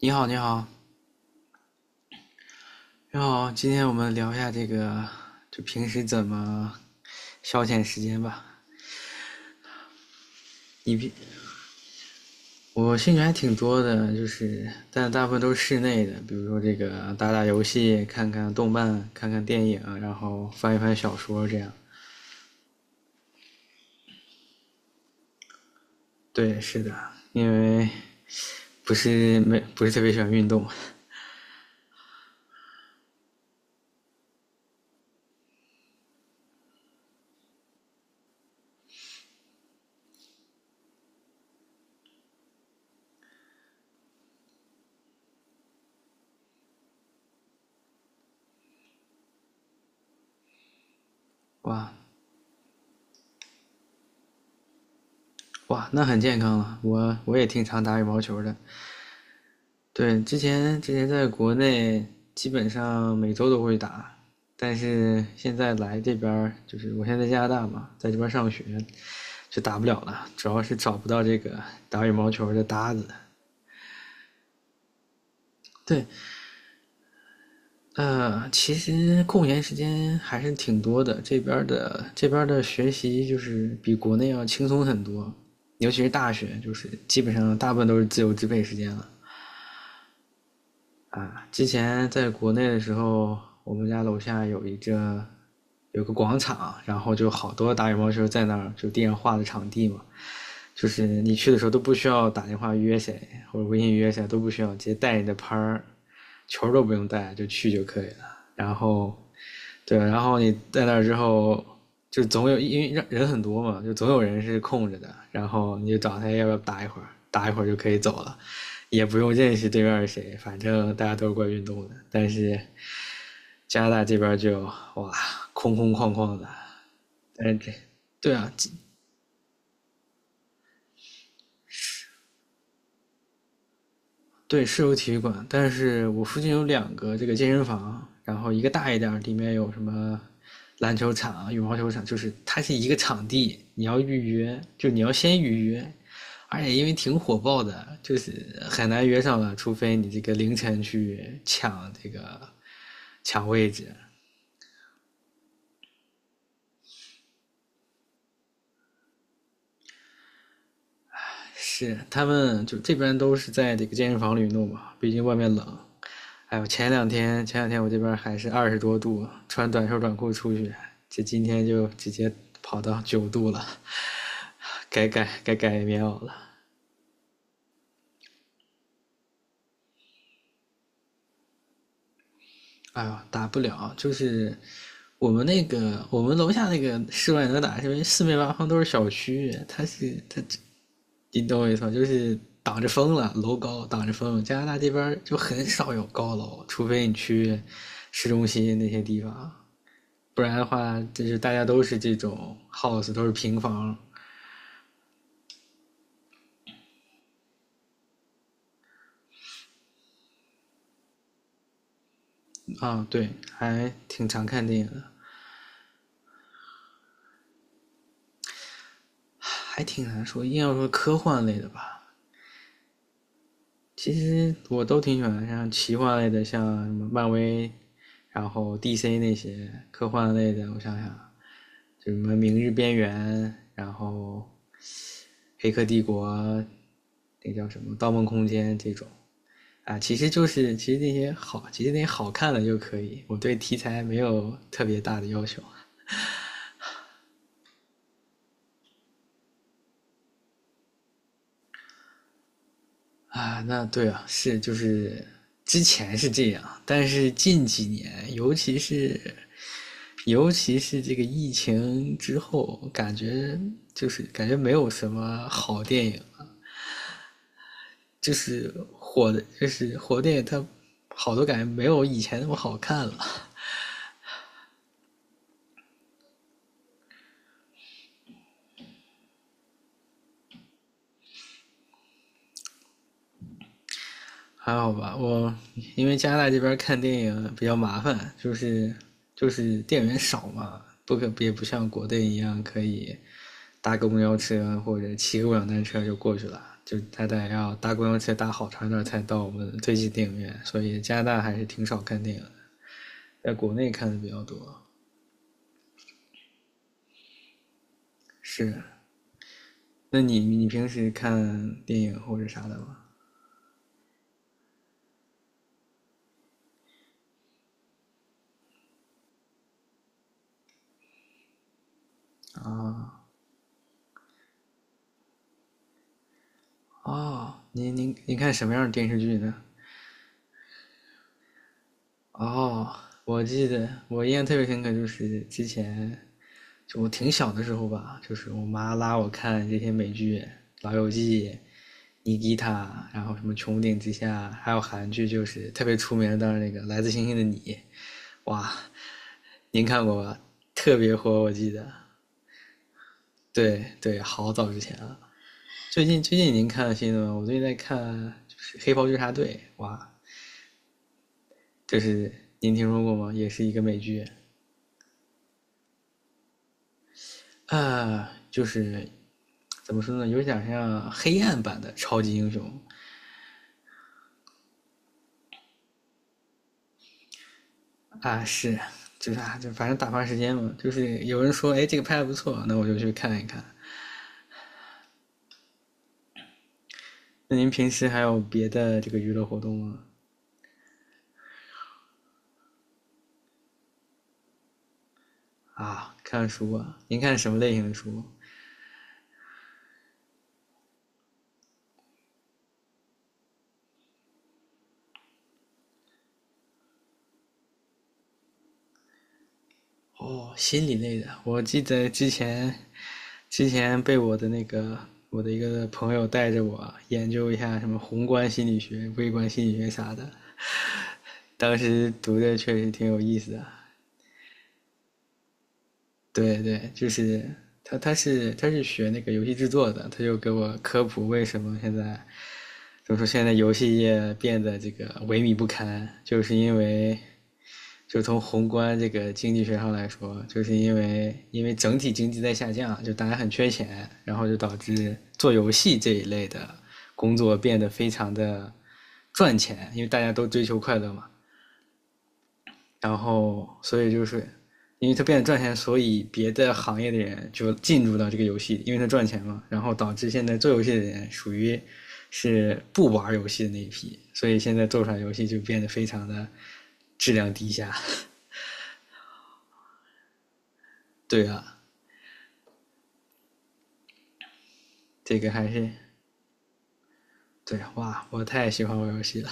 你好，你好，你好，今天我们聊一下这个，就平时怎么消遣时间吧。你比我兴趣还挺多的，就是但大部分都是室内的，比如说这个打打游戏、看看动漫、看看电影，然后翻一翻小说这样。对，是的，因为不是特别喜欢运动。哇哇，那很健康了。我也挺常打羽毛球的，对，之前在国内基本上每周都会打，但是现在来这边儿就是我现在在加拿大嘛，在这边上学就打不了了，主要是找不到这个打羽毛球的搭子。对，呃，其实空闲时间还是挺多的，这边儿的学习就是比国内要轻松很多，尤其是大学，就是基本上大部分都是自由支配时间了。啊，之前在国内的时候，我们家楼下有个广场，然后就好多打羽毛球在那儿就上画的场地嘛，就是你去的时候都不需要打电话约谁或者微信约谁，都不需要，直接带你的拍儿，球都不用带就去就可以了。然后对，然后你在那儿之后，就总有因为人人很多嘛，就总有人是空着的，然后你就找他要不要打一会儿，打一会儿就可以走了，也不用认识对面是谁，反正大家都是过来运动的。但是加拿大这边就哇，空空旷旷的，但是这对啊，对，是有体育馆，但是我附近有两个这个健身房，然后一个大一点儿里面有什么篮球场啊羽毛球场，就是它是一个场地，你要预约，就你要先预约，而且因为挺火爆的，就是很难约上了，除非你这个凌晨去抢这个抢位置。是，他们就这边都是在这个健身房里弄嘛，毕竟外面冷。哎呦，前两天我这边还是20多度，穿短袖短裤出去，这今天就直接跑到9度了，该改棉袄了。哎呦，打不了，就是我们楼下那个室外能打，是因为四面八方都是小区，它是它，你懂我意思吗？就是挡着风了，楼高挡着风。加拿大这边就很少有高楼，除非你去市中心那些地方，不然的话，就是大家都是这种 house，都是平房。啊，对，还挺常看电影的，还挺难说。硬要说科幻类的吧，其实我都挺喜欢，像奇幻类的，像什么漫威，然后 DC 那些科幻类的，我想想，就什么《明日边缘》，然后《黑客帝国》，那叫什么《盗梦空间》这种啊，其实其实那些好，其实那些好看的就可以。我对题材没有特别大的要求。啊，那对啊，是就是之前是这样，但是近几年，尤其是这个疫情之后，感觉没有什么好电影了就是火的，就是火电影它好多感觉没有以前那么好看了。还好吧，我因为加拿大这边看电影比较麻烦，就是电影院少嘛，不可也不像国内一样可以搭个公交车或者骑个共享单车就过去了，就他得要搭公交车搭好长一段才到我们最近电影院，所以加拿大还是挺少看电影的在国内看的比较多。是，那你平时看电影或者啥的吗？哦，您看什么样的电视剧呢？哦，我记得我印象特别深刻，就是之前就我挺小的时候吧，就是我妈拉我看这些美剧，《老友记》尼基塔，然后什么《穹顶之下》，还有韩剧就是特别出名的，当然那个《来自星星的你》，哇，您看过吧？特别火，我记得。对对，好早之前了。最近最近您看了新的吗？我最近在看就是《黑袍纠察队》，哇，就是您听说过吗？也是一个美剧，啊，呃就是怎么说呢，有点像黑暗版的超级英雄啊，是，就是啊，就反正打发时间嘛。就是有人说，哎，这个拍的不错，那我就去看一看。那您平时还有别的这个娱乐活动吗？啊，看书啊？您看什么类型的书？哦，心理类的。我记得之前被我的一个朋友带着我研究一下什么宏观心理学、微观心理学啥的，当时读的确实挺有意思的。对对，就是他是学那个游戏制作的，他就给我科普为什么现在就么说？现在游戏业变得这个萎靡不堪，就是因为，就从宏观这个经济学上来说，就是因为整体经济在下降，就大家很缺钱，然后就导致做游戏这一类的工作变得非常的赚钱，因为大家都追求快乐嘛。然后所以就是因为它变得赚钱，所以别的行业的人就进入到这个游戏，因为它赚钱嘛，然后导致现在做游戏的人属于是不玩游戏的那一批，所以现在做出来游戏就变得非常的质量低下。对啊，这个还是对啊哇，我太喜欢玩游戏了。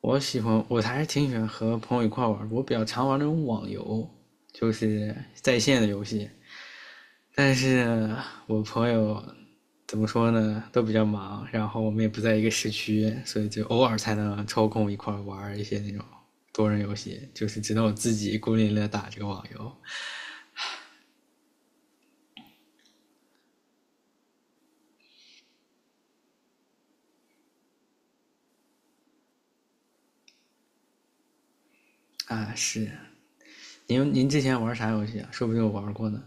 我喜欢，我还是挺喜欢和朋友一块玩。我比较常玩那种网游，就是在线的游戏，但是我朋友怎么说呢，都比较忙，然后我们也不在一个市区，所以就偶尔才能抽空一块儿玩一些那种多人游戏，就是只能我自己孤零零的打这个网游啊。是，您之前玩啥游戏啊？说不定我玩过呢。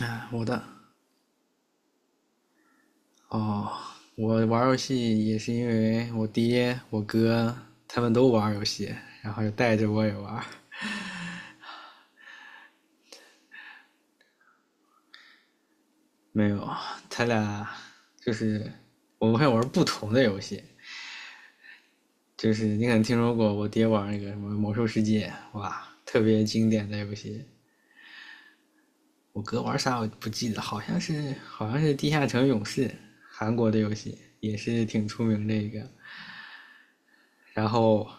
啊，哦，我玩游戏也是因为我爹、我哥他们都玩游戏，然后就带着我也玩。没有，他俩就是我们会玩不同的游戏，就是你可能听说过我爹玩那个什么《魔兽世界》，哇，特别经典的游戏。我哥玩啥我不记得，好像是《地下城勇士》，韩国的游戏也是挺出名的一个。然后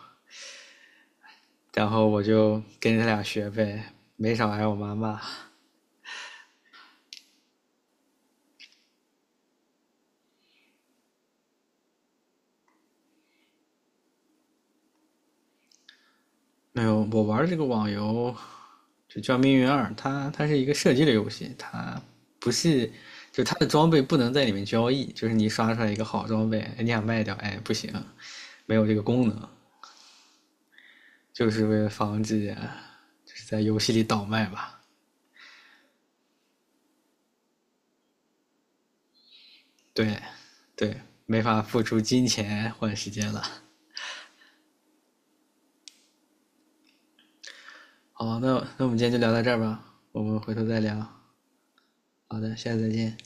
我就跟他俩学呗，没少挨我妈骂。没有，我玩这个网游就叫《命运2》，它是一个射击类游戏，它不是就它的装备不能在里面交易，就是你刷出来一个好装备，哎你想卖掉，哎不行，没有这个功能。就是为了防止就是在游戏里倒卖吧。对，对，没法付出金钱换时间了。好，那我们今天就聊到这儿吧，我们回头再聊。好的，下次再见。